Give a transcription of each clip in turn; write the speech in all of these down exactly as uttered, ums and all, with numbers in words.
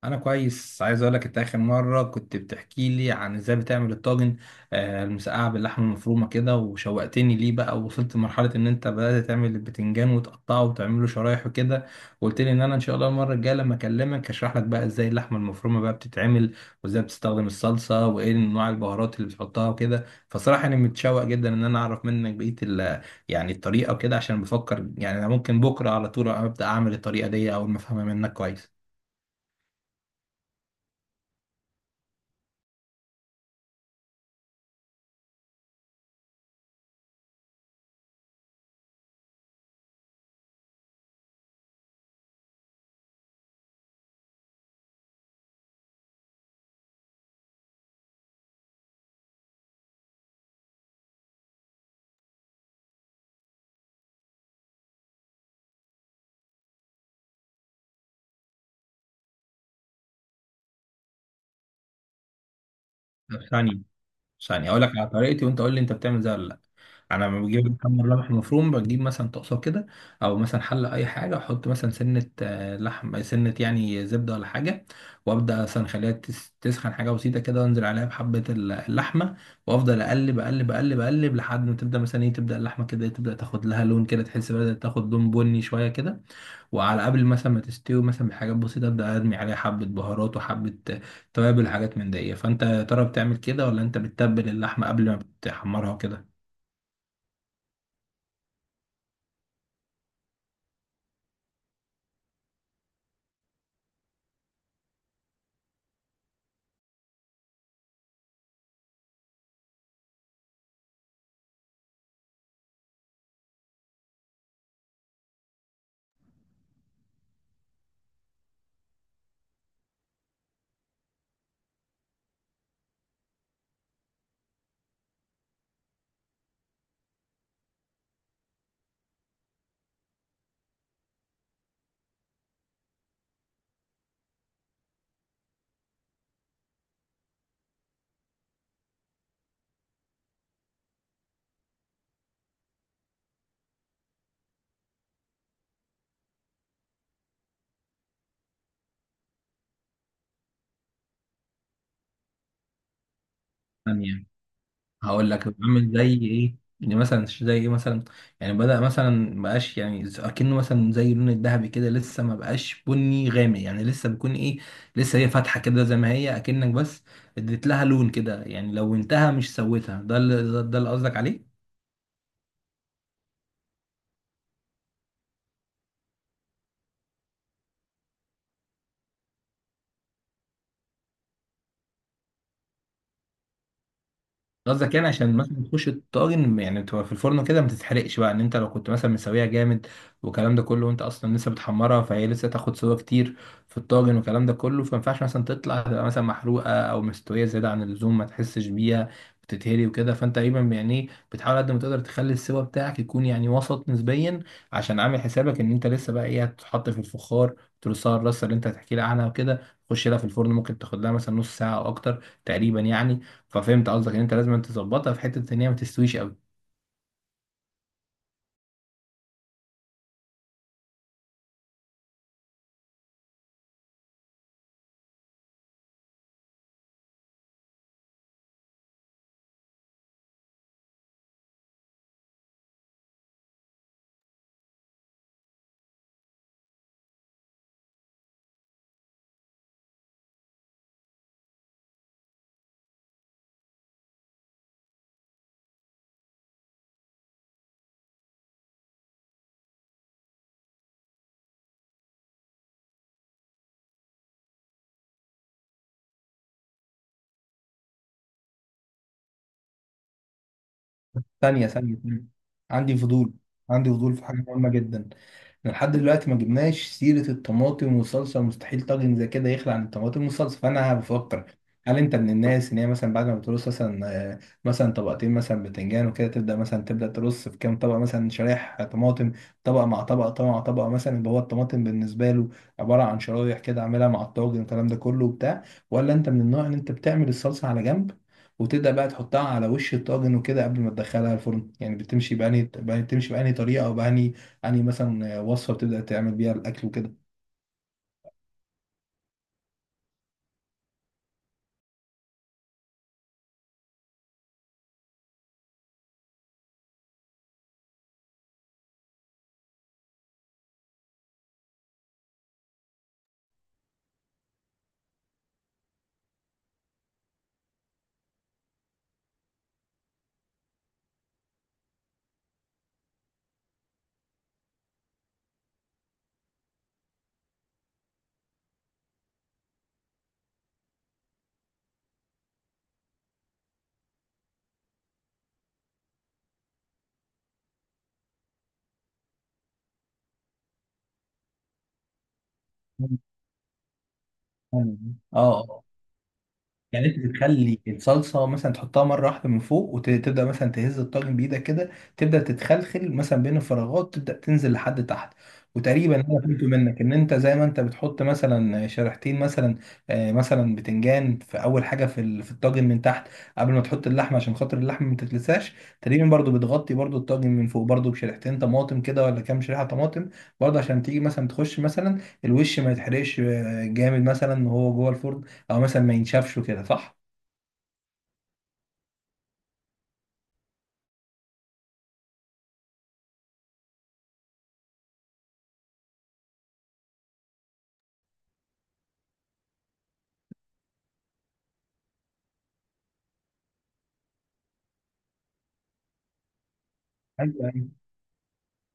انا كويس، عايز اقول لك انت اخر مره كنت بتحكي لي عن ازاي بتعمل الطاجن، آه، المسقعه باللحمه المفرومه كده، وشوقتني ليه بقى. ووصلت لمرحله ان انت بدات تعمل البتنجان وتقطعه وتعمله شرايح وكده، وقلت لي ان انا ان شاء الله المره الجايه لما اكلمك هشرح لك بقى ازاي اللحمه المفرومه بقى بتتعمل، وازاي بتستخدم الصلصه، وايه انواع البهارات اللي بتحطها وكده. فصراحه انا متشوق جدا ان انا اعرف منك بقيه ال- يعني الطريقه وكده، عشان بفكر يعني انا ممكن بكره على طول ابدا اعمل الطريقه دي اول ما افهمها منك كويس. طب ثانية. ثانية هقول لك على طريقتي وانت قول لي انت بتعمل زي ولا لا. انا لما بجيب محمر لبح مفروم بجيب مثلا طاسه كده او مثلا حله اي حاجه، احط مثلا سنه، آه، لحم سنه يعني زبده ولا حاجه، وابدا مثلا اخليها تس- تسخن حاجه بسيطه كده، وانزل عليها بحبه ال- اللحمه، وافضل اقلب اقلب اقلب اقلب لحد ما تبدا مثلا ايه، تبدا اللحمه كده إيه، تبدا تاخد لها لون كده، تحس بدات تاخد لون بني شويه كده. وعلى قبل مثلا ما تستوي مثلا بحاجات بسيطة أبدأ أرمي عليها حبة بهارات وحبة توابل وحاجات من دي. فأنت يا ترى بتعمل كده ولا أنت بتتبل اللحمة قبل ما بتحمرها وكده؟ ثانية. هقول لك بعمل زي إيه؟ يعني مثلا زي إيه مثلا؟ يعني بدأ مثلا مبقاش يعني ز- أكنه مثلا زي اللون الذهبي كده، لسه ما بقاش بني غامق، يعني لسه بيكون إيه، لسه هي فاتحة كده زي ما هي، أكنك بس اديت لها لون كده. يعني لو انتهى مش سويتها، ده اللي ده ده اللي قصدك عليه؟ قصدك يعني عشان مثلا تخش الطاجن، يعني تبقى في الفرن كده ما تتحرقش بقى ان انت لو كنت مثلا مسويها جامد والكلام ده كله، وانت اصلا لسه بتحمرها، فهي لسه تاخد سوا كتير في الطاجن والكلام ده كله، فما ينفعش مثلا تطلع تبقى مثلا محروقه او مستويه زياده عن اللزوم ما تحسش بيها، بتتهري وكده. فانت تقريبا يعني إيه بتحاول قد ما تقدر تخلي السوا بتاعك يكون يعني وسط نسبيا، عشان عامل حسابك ان انت لسه بقى ايه، هتتحط في الفخار، ترصها الرصه اللي انت هتحكي لي عنها وكده، تخش لها في الفرن ممكن تاخد لها مثلا نص ساعه او اكتر تقريبا يعني. ففهمت قصدك ان انت لازم أنت تظبطها في حته ان هي ما تستويش قوي. ثانيه ثانيه ثانية. عندي فضول. عندي فضول في حاجه مهمه جدا. احنا لحد دلوقتي ما جبناش سيرة الطماطم والصلصة، مستحيل طاجن زي كده يخلع عن الطماطم والصلصة. فأنا بفكر، هل أنت من الناس إن هي مثلا بعد ما بترص مثلا آه، مثلا طبقتين مثلا بتنجان وكده، تبدأ مثلا تبدأ ترص في كام طبقة مثلا شرايح طماطم، طبقة مع طبقة طبقة مع طبقة مثلا، يبقى هو الطماطم بالنسبة له عبارة عن شرايح كده، عاملها مع الطاجن والكلام ده كله وبتاع؟ ولا أنت من النوع إن أنت بتعمل الصلصة على جنب، وتبدأ بقى تحطها على وش الطاجن وكده قبل ما تدخلها الفرن؟ يعني بتمشي بأنهي بتمشي بأنهي طريقة، أو بأنهي يعني مثلا وصفة بتبدأ تعمل بيها الأكل وكده؟ مم. اه. آه. يعني انت بتخلي الصلصه مثلا تحطها مره واحده من فوق، وتبدا مثلا تهز الطاجن بايدك كده، تبدا تتخلخل مثلا بين الفراغات، تبدا تنزل لحد تحت. وتقريبا انا فهمت منك ان انت زي ما انت بتحط مثلا شريحتين مثلا، آه، مثلا بتنجان في اول حاجه في ال- في الطاجن من تحت قبل ما تحط اللحمه عشان خاطر اللحمه ما تتلساش، تقريبا برضو بتغطي برضو الطاجن من فوق برضو بشريحتين طماطم كده، ولا كام شريحه طماطم برضو، عشان تيجي مثلا تخش مثلا الوش ما يتحرقش آه، جامد مثلا وهو جوه الفرن، او مثلا ما ينشفش وكده، صح؟ ايوه، ايوه.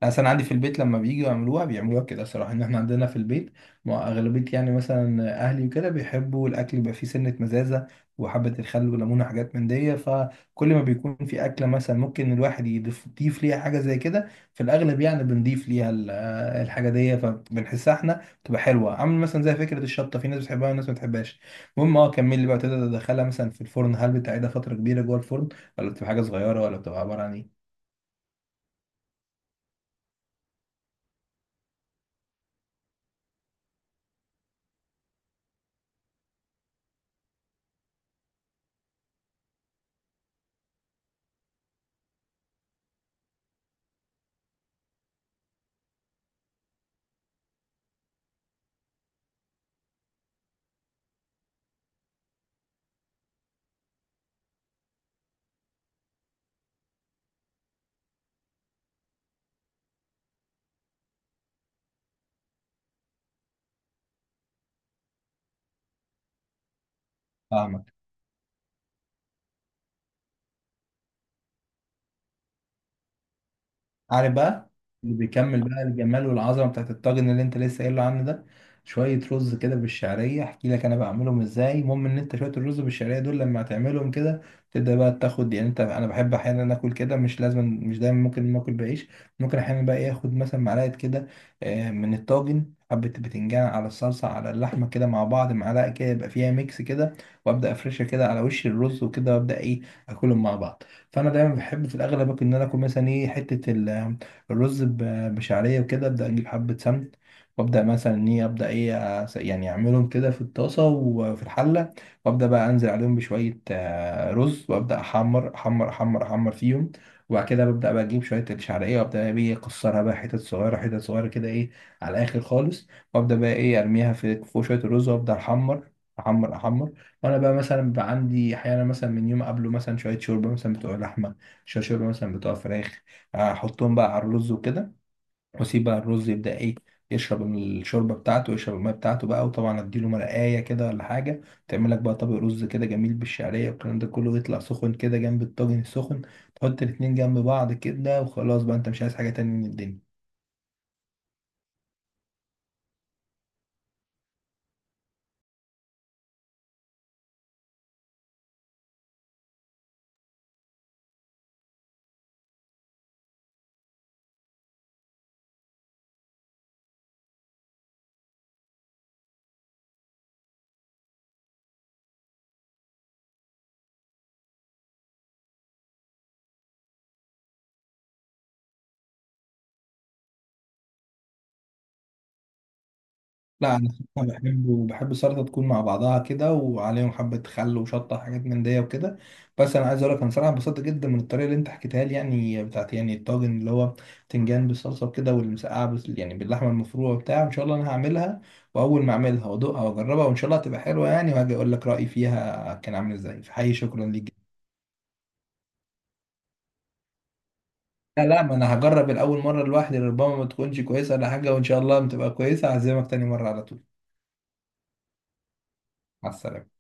اصل انا عندي في البيت لما بييجوا يعملوها بيعملوها كده الصراحه، ان احنا عندنا في البيت مع اغلبيه يعني مثلا اهلي وكده بيحبوا الاكل يبقى فيه سنه مزازه وحبه الخل والليمون وحاجات من دي. فكل ما بيكون في اكله مثلا ممكن الواحد يضيف يضيف ليها حاجه زي كده في الاغلب، يعني بنضيف ليها ال- آه، الحاجه دي، فبنحسها احنا تبقى حلوه، عامل مثلا زي فكره الشطه، في ناس بتحبها وناس ما بتحبهاش. المهم، اه كمل لي بقى. تقدر تدخلها مثلا في الفرن؟ هل بتعيدها فتره كبيره جوه الفرن، ولا بتبقى حاجه صغيره، ولا بتبقى عباره عن ايه؟ فاهمك. عارف بقى. اللي بيكمل بقى الجمال والعظمه بتاعت الطاجن اللي انت لسه قايله عنه ده، شويه رز كده بالشعريه. احكي لك انا بعملهم ازاي. المهم ان انت شويه الرز بالشعريه دول لما هتعملهم كده، تبدا بقى تاخد، يعني انت، انا بحب احيانا اكل كده، مش لازم مش دايما ممكن ناكل بعيش، ممكن احيانا بقى ايه، اخد مثلا معلقه كده آه، من الطاجن حبة بتنجان على الصلصة على اللحمة كده مع بعض، معلقة كده يبقى فيها ميكس كده، وأبدأ أفرشها كده على وش الرز وكده، وأبدأ إيه أكلهم مع بعض. فانا دايما بحب في الاغلب ممكن ان انا اكل مثلا ايه حته ال- الرز ب- بشعريه وكده. ابدا اجيب حبه سمن، وابدا مثلا ان ايه ابدا ايه أس- يعني اعملهم كده في الطاسه وفي الحله، وابدا بقى انزل عليهم بشويه آه، رز، وابدا احمر احمر احمر احمر فيهم. وبعد كده ببدا بقى اجيب شويه الشعريه، وابدا بقى ايه اكسرها بقى حتت صغيره حتت صغيره كده ايه على الاخر خالص، وابدا بقى ايه ارميها في فوق شويه الرز، وابدا احمر احمر احمر. وانا بقى مثلا بيبقى عندي احيانا مثلا من يوم قبله مثلا شويه شوربه مثلا بتوع لحمه، شويه شوربه مثلا بتوع فراخ، احطهم بقى على الرز وكده، واسيب بقى الرز يبدا ايه يشرب الشوربه بتاعته، يشرب الميه بتاعته بقى. وطبعا اديله مرقايه كده ولا حاجه، تعمل لك بقى طبق رز كده جميل بالشعريه والكلام ده كله، يطلع سخن كده جنب الطاجن السخن، تحط الاتنين جنب بعض كده، وخلاص بقى انت مش عايز حاجه تانية من الدنيا. لا، انا الصراحة بحب، بحب السلطه تكون مع بعضها كده، وعليهم حبه خل وشطه حاجات من دي وكده. بس انا عايز اقول لك، انا صراحه انبسطت جدا من الطريقه اللي انت حكيتها لي، يعني بتاعت يعني الطاجن اللي هو بتنجان بالصلصه وكده، والمسقعه بس يعني باللحمه المفرومه وبتاع. ان شاء الله انا هعملها، واول ما اعملها وادوقها واجربها، وان شاء الله هتبقى حلوه يعني، وهاجي اقول لك رايي فيها كان عامل ازاي. فحقيقي شكرا ليك جداً. لا، لا، ما انا هجرب الاول مره لوحدي، ربما ما تكونش كويسه ولا حاجه، وان شاء الله بتبقى كويسه هعزمك تاني مره على طول. مع السلامه.